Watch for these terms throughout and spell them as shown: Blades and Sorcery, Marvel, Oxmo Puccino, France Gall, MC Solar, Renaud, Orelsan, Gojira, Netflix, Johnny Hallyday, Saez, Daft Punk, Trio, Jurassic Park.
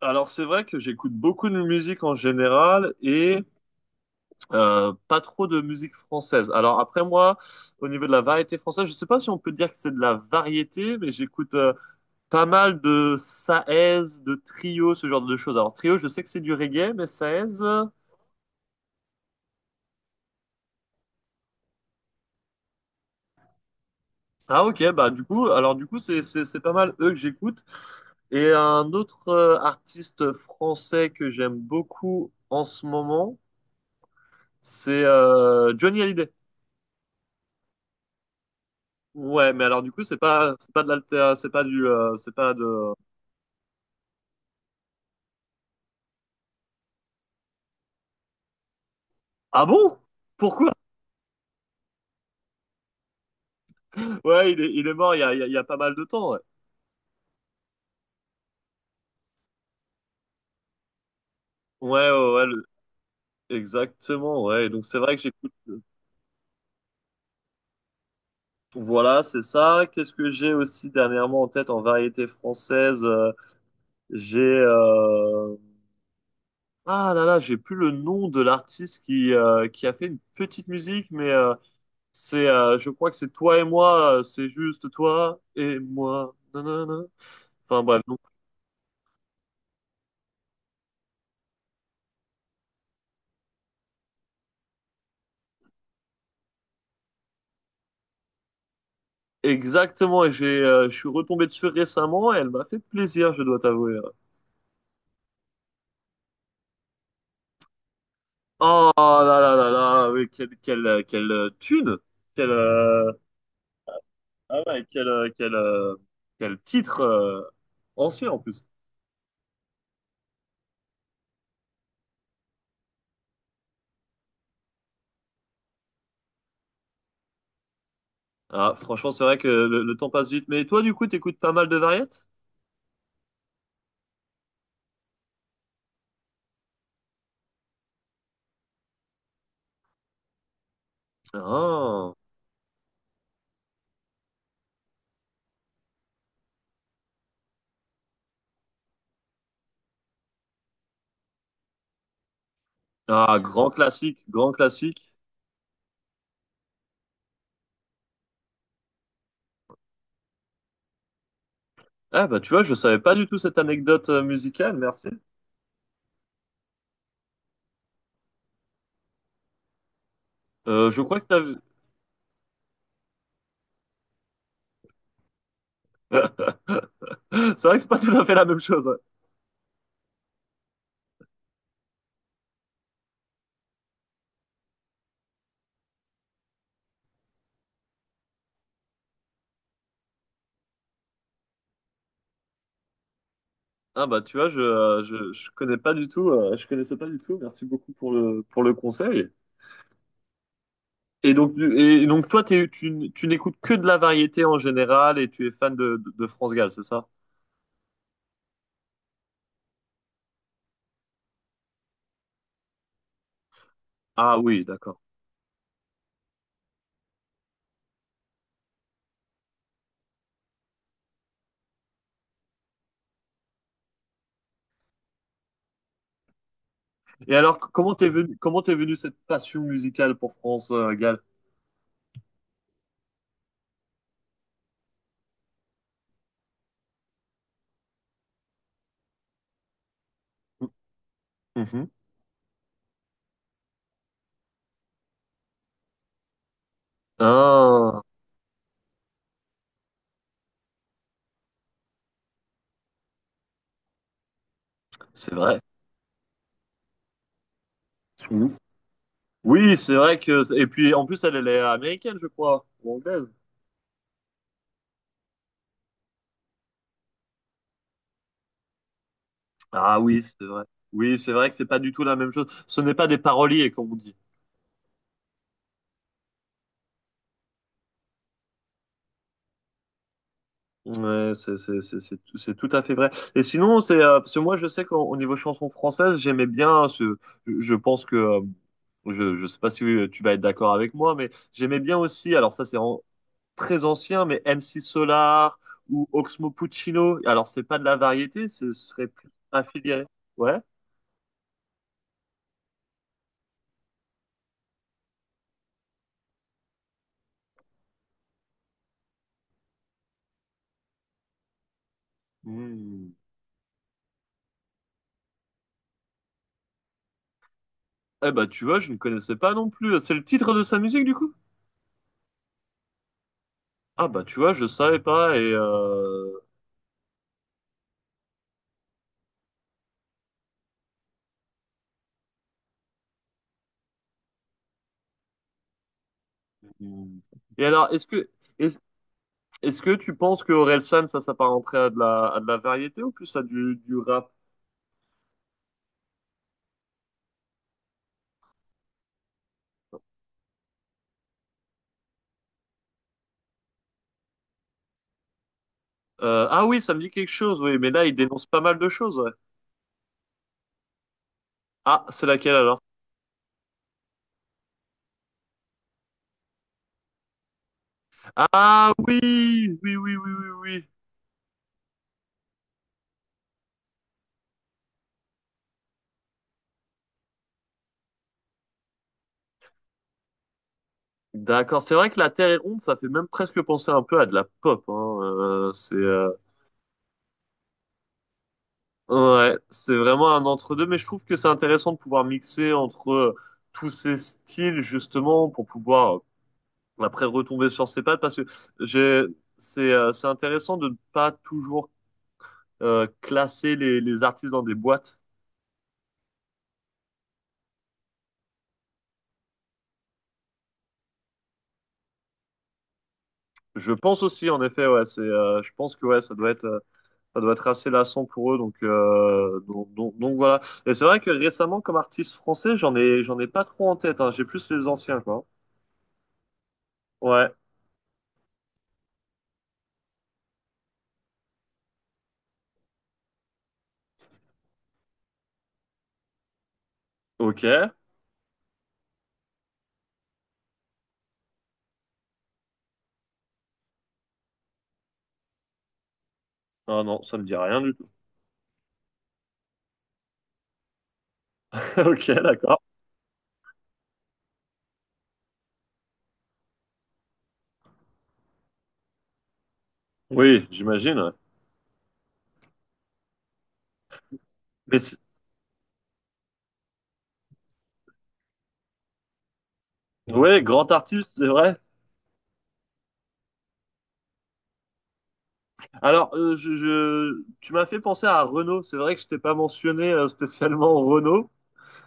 Alors c'est vrai que j'écoute beaucoup de musique en général et pas trop de musique française. Alors après moi, au niveau de la variété française, je sais pas si on peut dire que c'est de la variété, mais j'écoute pas mal de Saez, de Trio, ce genre de choses. Alors Trio, je sais que c'est du reggae, mais Saez, ah ok, bah du coup, alors du coup c'est pas mal eux que j'écoute. Et un autre artiste français que j'aime beaucoup en ce moment, c'est Johnny Hallyday. Ouais, mais alors du coup, c'est pas de l'alter, c'est pas du, c'est pas de. Ah bon? Pourquoi? Ouais, il est mort il y a, il y a pas mal de temps. Ouais, ouais, ouais, ouais, exactement. Ouais, et donc c'est vrai que j'écoute. Voilà, c'est ça. Qu'est-ce que j'ai aussi dernièrement en tête en variété française? J'ai, ah là là, j'ai plus le nom de l'artiste qui a fait une petite musique, mais c'est, je crois que c'est toi et moi, c'est juste toi et moi. Nanana. Enfin bref. Exactement, et j'ai, je suis retombé dessus récemment et elle m'a fait plaisir, je dois t'avouer. Oh là là là là, oui, quelle, quelle, quelle thune, quelle, ah ouais, quel, quel, quel titre ancien en plus. Ah, franchement, c'est vrai que le temps passe vite. Mais toi, du coup, t'écoutes pas mal de variétés? Ah, ah, grand classique, grand classique. Ah bah tu vois, je savais pas du tout cette anecdote musicale, merci. Je crois que t'as vu. C'est vrai que c'est pas tout à fait la même chose. Ouais. Ah bah tu vois, je connais pas du tout, je connaissais pas du tout. Merci beaucoup pour le conseil. Et donc, et donc toi, tu, tu n'écoutes que de la variété en général et tu es fan de France Gall, c'est ça? Ah oui, d'accord. Et alors, comment t'es venu cette passion musicale pour France Gall? Mhm. Ah, c'est vrai. Mhm. Oui, c'est vrai que. Et puis, en plus, elle, elle est américaine, je crois, ou anglaise. Ah oui, c'est vrai. Oui, c'est vrai que c'est pas du tout la même chose. Ce n'est pas des paroliers, comme on dit. Ouais, c'est tout à fait vrai. Et sinon, c'est parce que moi, je sais qu'au au niveau chanson française, j'aimais bien ce. Je pense que je sais pas si tu vas être d'accord avec moi, mais j'aimais bien aussi. Alors ça, très ancien, mais MC Solar ou Oxmo Puccino. Alors c'est pas de la variété, ce serait plus affilié. Ouais. Hmm. Eh bah tu vois, je ne connaissais pas non plus. C'est le titre de sa musique du coup? Ah bah tu vois, je savais pas et. Hmm. Et alors, est-ce que tu penses que Orelsan, ça s'apparenterait à de la variété ou plus à du rap? Ah oui, ça me dit quelque chose, oui, mais là, il dénonce pas mal de choses, ouais. Ah, c'est laquelle alors? Ah oui, oui, oui, oui, oui, oui. D'accord, c'est vrai que la Terre est ronde, ça fait même presque penser un peu à de la pop, hein. C'est ouais, c'est vraiment un entre-deux, mais je trouve que c'est intéressant de pouvoir mixer entre tous ces styles justement pour pouvoir après retomber sur ses pattes, parce que j'ai c'est intéressant de ne pas toujours classer les artistes dans des boîtes. Je pense aussi, en effet, ouais, c'est, je pense que ouais, ça doit être assez lassant pour eux, donc voilà. Et c'est vrai que récemment, comme artiste français, j'en ai pas trop en tête, hein. J'ai plus les anciens, quoi. Ouais, ok. Ah non, ça me dit rien du tout. Ok, d'accord. Oui, j'imagine. Ouais. Mais c'est- ouais, grand artiste, c'est vrai. Alors, je, tu m'as fait penser à Renaud. C'est vrai que je t'ai pas mentionné spécialement Renaud.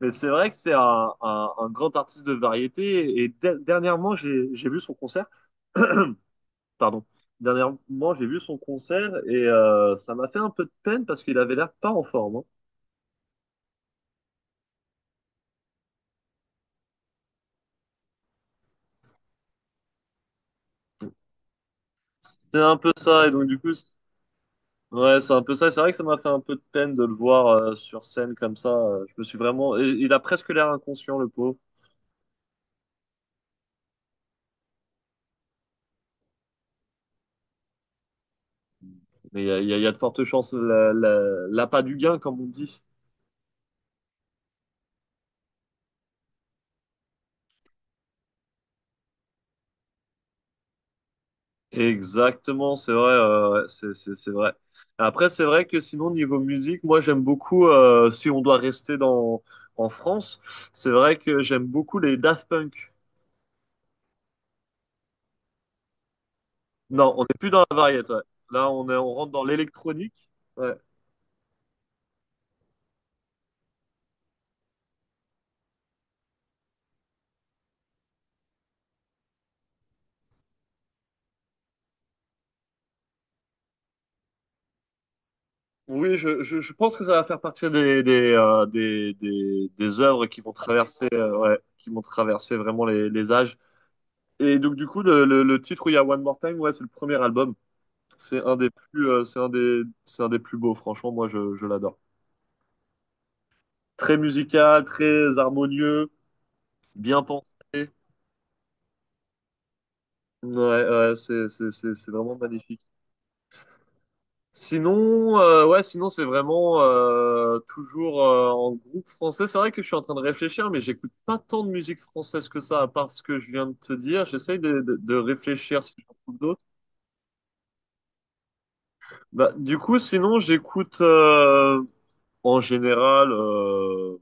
Mais c'est vrai que c'est un, un grand artiste de variété. Et dernièrement, j'ai vu son concert. Pardon. Dernièrement, j'ai vu son concert et ça m'a fait un peu de peine parce qu'il avait l'air pas en forme, hein. C'était un peu ça. Et donc, du coup, ouais, c'est un peu ça. C'est vrai que ça m'a fait un peu de peine de le voir sur scène comme ça. Je me suis vraiment. Il a presque l'air inconscient, le pauvre. Mais il y a, il y a de fortes chances. La, l'appât du gain, comme on dit. Exactement, c'est vrai, ouais, ouais, c'est vrai. Après, c'est vrai que sinon, niveau musique, moi j'aime beaucoup, si on doit rester dans, en France, c'est vrai que j'aime beaucoup les Daft Punk. Non, on n'est plus dans la variété, ouais. Là, on est, on rentre dans l'électronique. Ouais. Oui, je pense que ça va faire partie des œuvres qui vont traverser, ouais, qui vont traverser vraiment les âges. Et donc, du coup, le titre où il y a One More Time, ouais, c'est le premier album. C'est un des plus, c'est un des plus beaux, franchement, moi je l'adore. Très musical, très harmonieux, bien pensé. Ouais, ouais, c'est vraiment magnifique. Sinon, ouais, sinon c'est vraiment toujours en groupe français. C'est vrai que je suis en train de réfléchir, mais j'écoute pas tant de musique française que ça, à part ce que je viens de te dire. J'essaye de réfléchir si j'en trouve d'autres. Bah, du coup, sinon j'écoute en général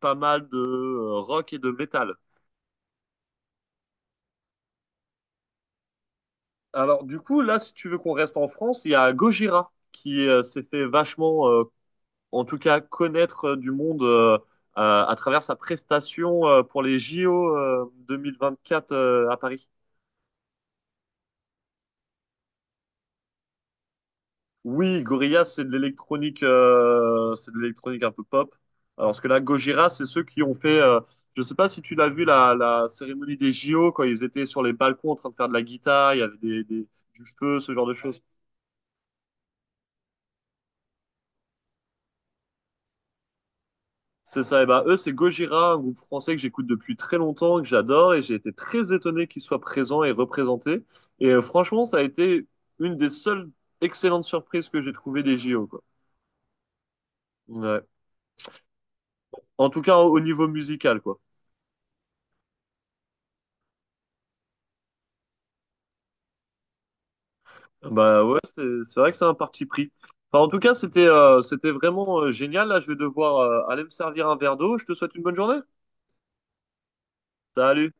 pas mal de rock et de métal. Alors, du coup, là, si tu veux qu'on reste en France, il y a Gojira qui s'est fait vachement, en tout cas, connaître du monde à travers sa prestation pour les JO 2024 à Paris. Oui, Gorillaz, c'est de l'électronique un peu pop. Alors ce que là, Gojira, c'est ceux qui ont fait. Je sais pas si tu l'as vu la, la cérémonie des JO quand ils étaient sur les balcons en train de faire de la guitare, il y avait des, du feu, ce genre de choses. C'est ça, et ben eux, c'est Gojira, un groupe français que j'écoute depuis très longtemps, que j'adore, et j'ai été très étonné qu'ils soient présents et représentés. Et franchement, ça a été une des seules excellentes surprises que j'ai trouvées des JO, quoi. Ouais. En tout cas, au au niveau musical, quoi. Bah ouais, c'est vrai que c'est un parti pris. Enfin, en tout cas, c'était c'était vraiment génial. Là, je vais devoir aller me servir un verre d'eau. Je te souhaite une bonne journée. Salut!